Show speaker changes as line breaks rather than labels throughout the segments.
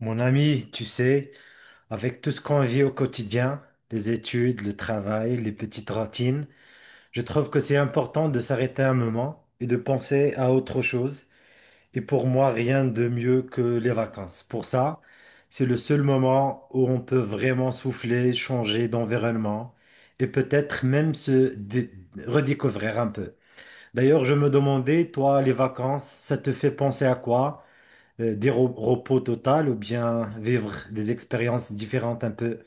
Mon ami, tu sais, avec tout ce qu'on vit au quotidien, les études, le travail, les petites routines, je trouve que c'est important de s'arrêter un moment et de penser à autre chose. Et pour moi, rien de mieux que les vacances. Pour ça, c'est le seul moment où on peut vraiment souffler, changer d'environnement et peut-être même se redécouvrir un peu. D'ailleurs, je me demandais, toi, les vacances, ça te fait penser à quoi? Des repos total ou bien vivre des expériences différentes un peu.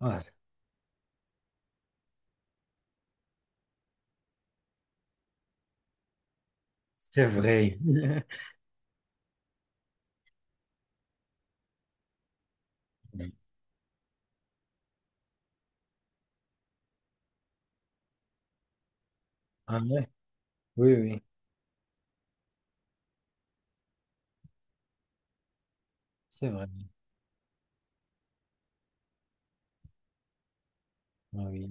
Ah, c'est vrai. Ah ouais, oui, oui, c'est vrai. Ah oui.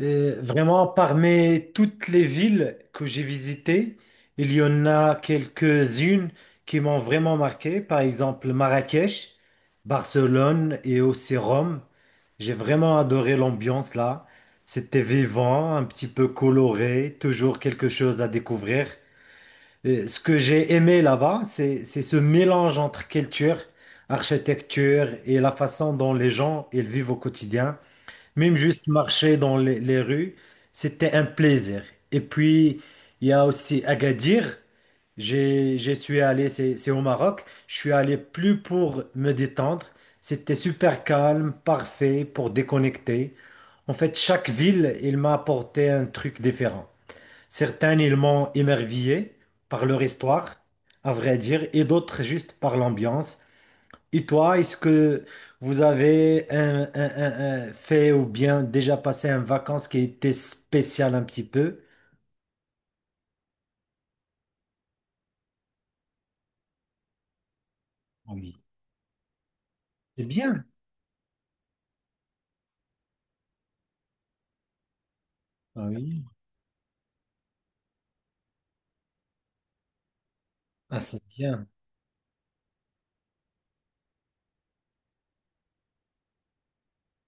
Vraiment, parmi toutes les villes que j'ai visitées, il y en a quelques-unes qui m'ont vraiment marqué. Par exemple, Marrakech, Barcelone et aussi Rome. J'ai vraiment adoré l'ambiance là. C'était vivant, un petit peu coloré, toujours quelque chose à découvrir. Ce que j'ai aimé là-bas, c'est ce mélange entre culture, architecture et la façon dont les gens ils vivent au quotidien. Même juste marcher dans les rues, c'était un plaisir. Et puis, il y a aussi Agadir. Je suis allé, c'est au Maroc, je suis allé plus pour me détendre. C'était super calme, parfait pour déconnecter. En fait, chaque ville, il m'a apporté un truc différent. Certains, ils m'ont émerveillé par leur histoire, à vrai dire, et d'autres juste par l'ambiance. Et toi, est-ce que vous avez un fait ou bien déjà passé une vacances qui était spéciale un petit peu? Ah oui, c'est bien. Ah oui, ah, c'est bien.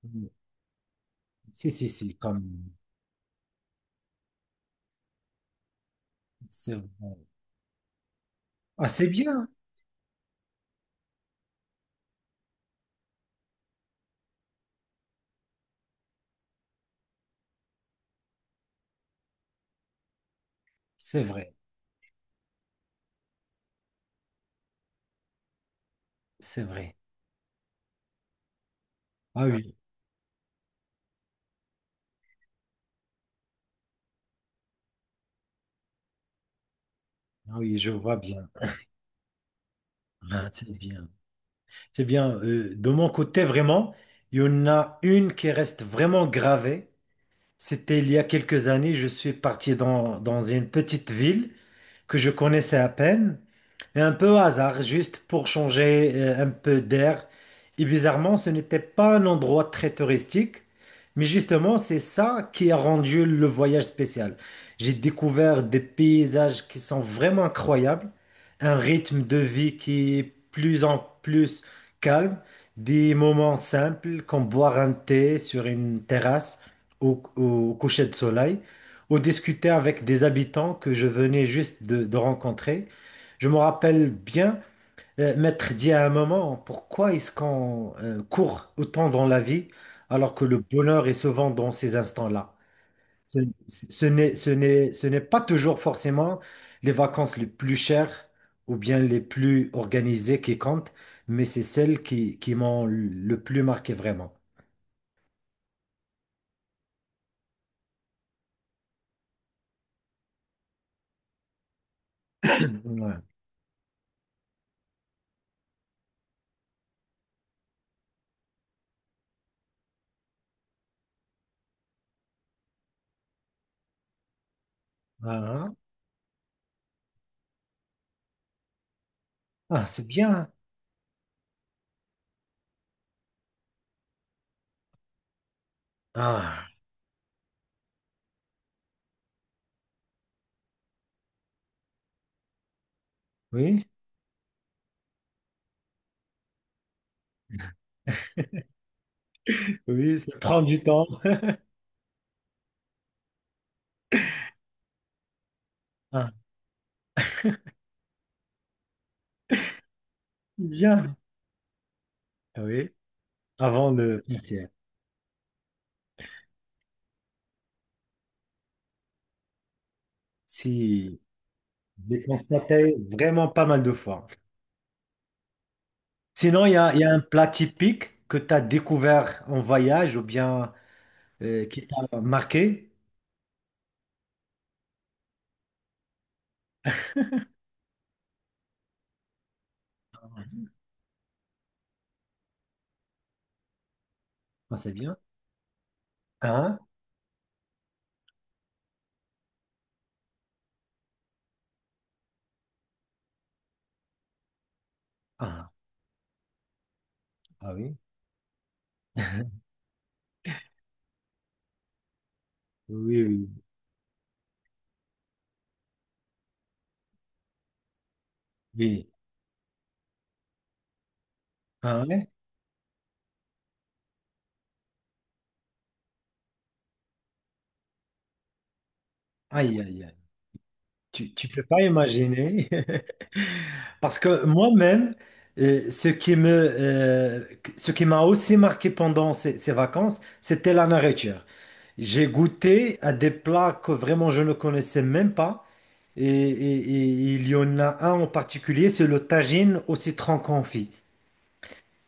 Oui. Si, si, si, comme c'est vrai. Ah, c'est bien. C'est vrai, c'est vrai. Ah oui, ah oui, je vois bien. Ah, c'est bien. C'est bien. De mon côté, vraiment, il y en a une qui reste vraiment gravée. C'était il y a quelques années, je suis parti dans une petite ville que je connaissais à peine. Et un peu au hasard, juste pour changer un peu d'air. Et bizarrement, ce n'était pas un endroit très touristique, mais justement, c'est ça qui a rendu le voyage spécial. J'ai découvert des paysages qui sont vraiment incroyables, un rythme de vie qui est plus en plus calme, des moments simples comme boire un thé sur une terrasse au coucher de soleil, ou discuter avec des habitants que je venais juste de rencontrer. Je me rappelle bien, Maître dit à un moment, pourquoi est-ce qu'on court autant dans la vie alors que le bonheur est souvent dans ces instants-là? Ce, ce n'est pas toujours forcément les vacances les plus chères ou bien les plus organisées qui comptent, mais c'est celles qui m'ont le plus marqué vraiment. Ouais. Ah, ah, c'est bien. Ah, oui, oui, ça prend du temps. Ah, bien. Oui, avant de partir. Si. J'ai constaté vraiment pas mal de fois. Sinon, il y a un plat typique que tu as découvert en voyage ou bien qui t'a marqué. Ah, c'est bien. Hein? Ah, ah oui. Oui, oui, oui. Ah ouais. Aïe, aïe, aïe. Tu peux pas imaginer. Parce que moi-même, euh, ce qui me, euh, ce qui m'a aussi marqué pendant ces vacances, c'était la nourriture. J'ai goûté à des plats que vraiment je ne connaissais même pas. Et il y en a un en particulier, c'est le tagine au citron confit.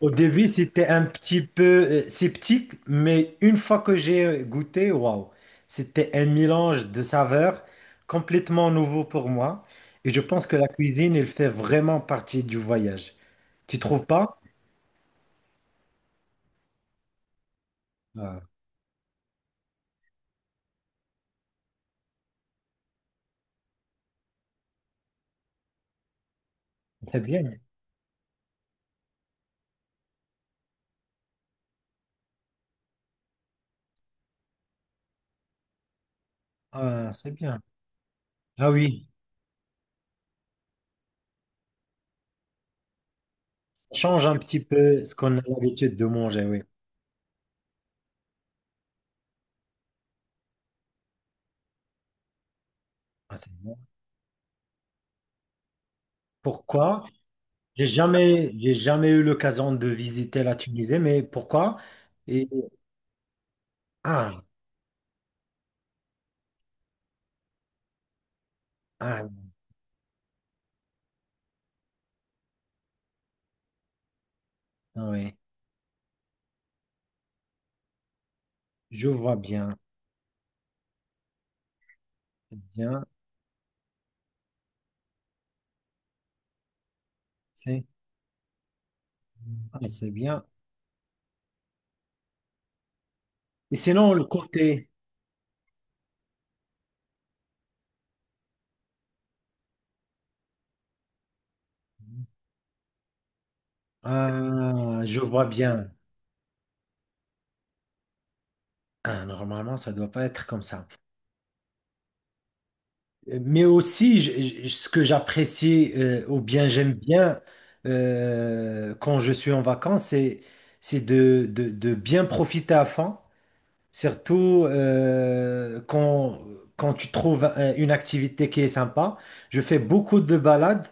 Au début, c'était un petit peu sceptique, mais une fois que j'ai goûté, waouh, c'était un mélange de saveurs complètement nouveau pour moi. Et je pense que la cuisine, elle fait vraiment partie du voyage. Tu trouves pas? Ah, c'est bien. Ah, c'est bien. Ah oui, change un petit peu ce qu'on a l'habitude de manger, oui. Ah, c'est bon. Pourquoi? J'ai jamais eu l'occasion de visiter la Tunisie, mais pourquoi? Et, ah, ah, ah oui, je vois bien. C'est bien, c'est ah, c'est bien. Et sinon, le côté, ah, je vois bien. Ah, normalement, ça ne doit pas être comme ça. Mais aussi, ce que j'apprécie, ou bien j'aime bien quand je suis en vacances, c'est de bien profiter à fond. Surtout quand tu trouves une activité qui est sympa. Je fais beaucoup de balades,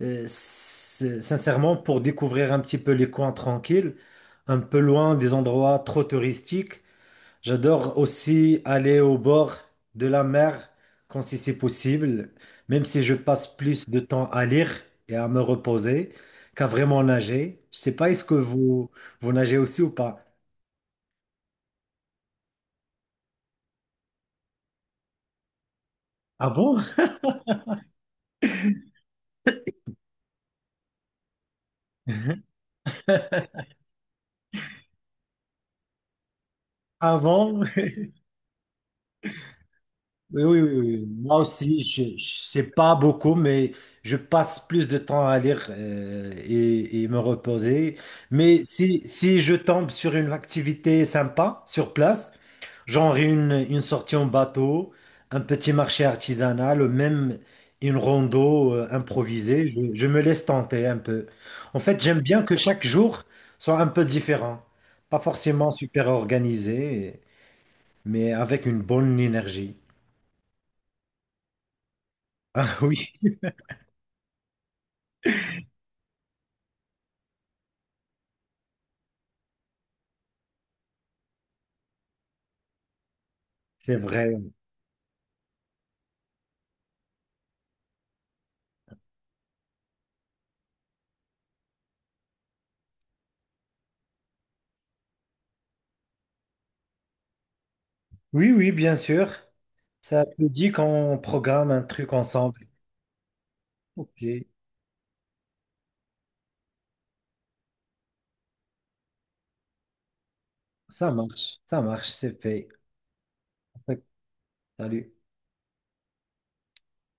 sincèrement, pour découvrir un petit peu les coins tranquilles, un peu loin des endroits trop touristiques. J'adore aussi aller au bord de la mer quand si c'est possible, même si je passe plus de temps à lire et à me reposer qu'à vraiment nager. Je sais pas, est-ce que vous, vous nagez aussi ou pas? Ah bon? Avant? Oui, oui, oui, oui. Moi aussi, je sais pas beaucoup, mais je passe plus de temps à lire et me reposer. Mais si je tombe sur une activité sympa sur place, genre une sortie en bateau, un petit marché artisanal, ou même une rando improvisée, je me laisse tenter un peu. En fait, j'aime bien que chaque jour soit un peu différent, pas forcément super organisé, mais avec une bonne énergie. Ah oui. C'est vrai. Oui, oui, bien sûr. Ça te dit qu'on programme un truc ensemble. Ok, ça marche, c'est fait. Salut.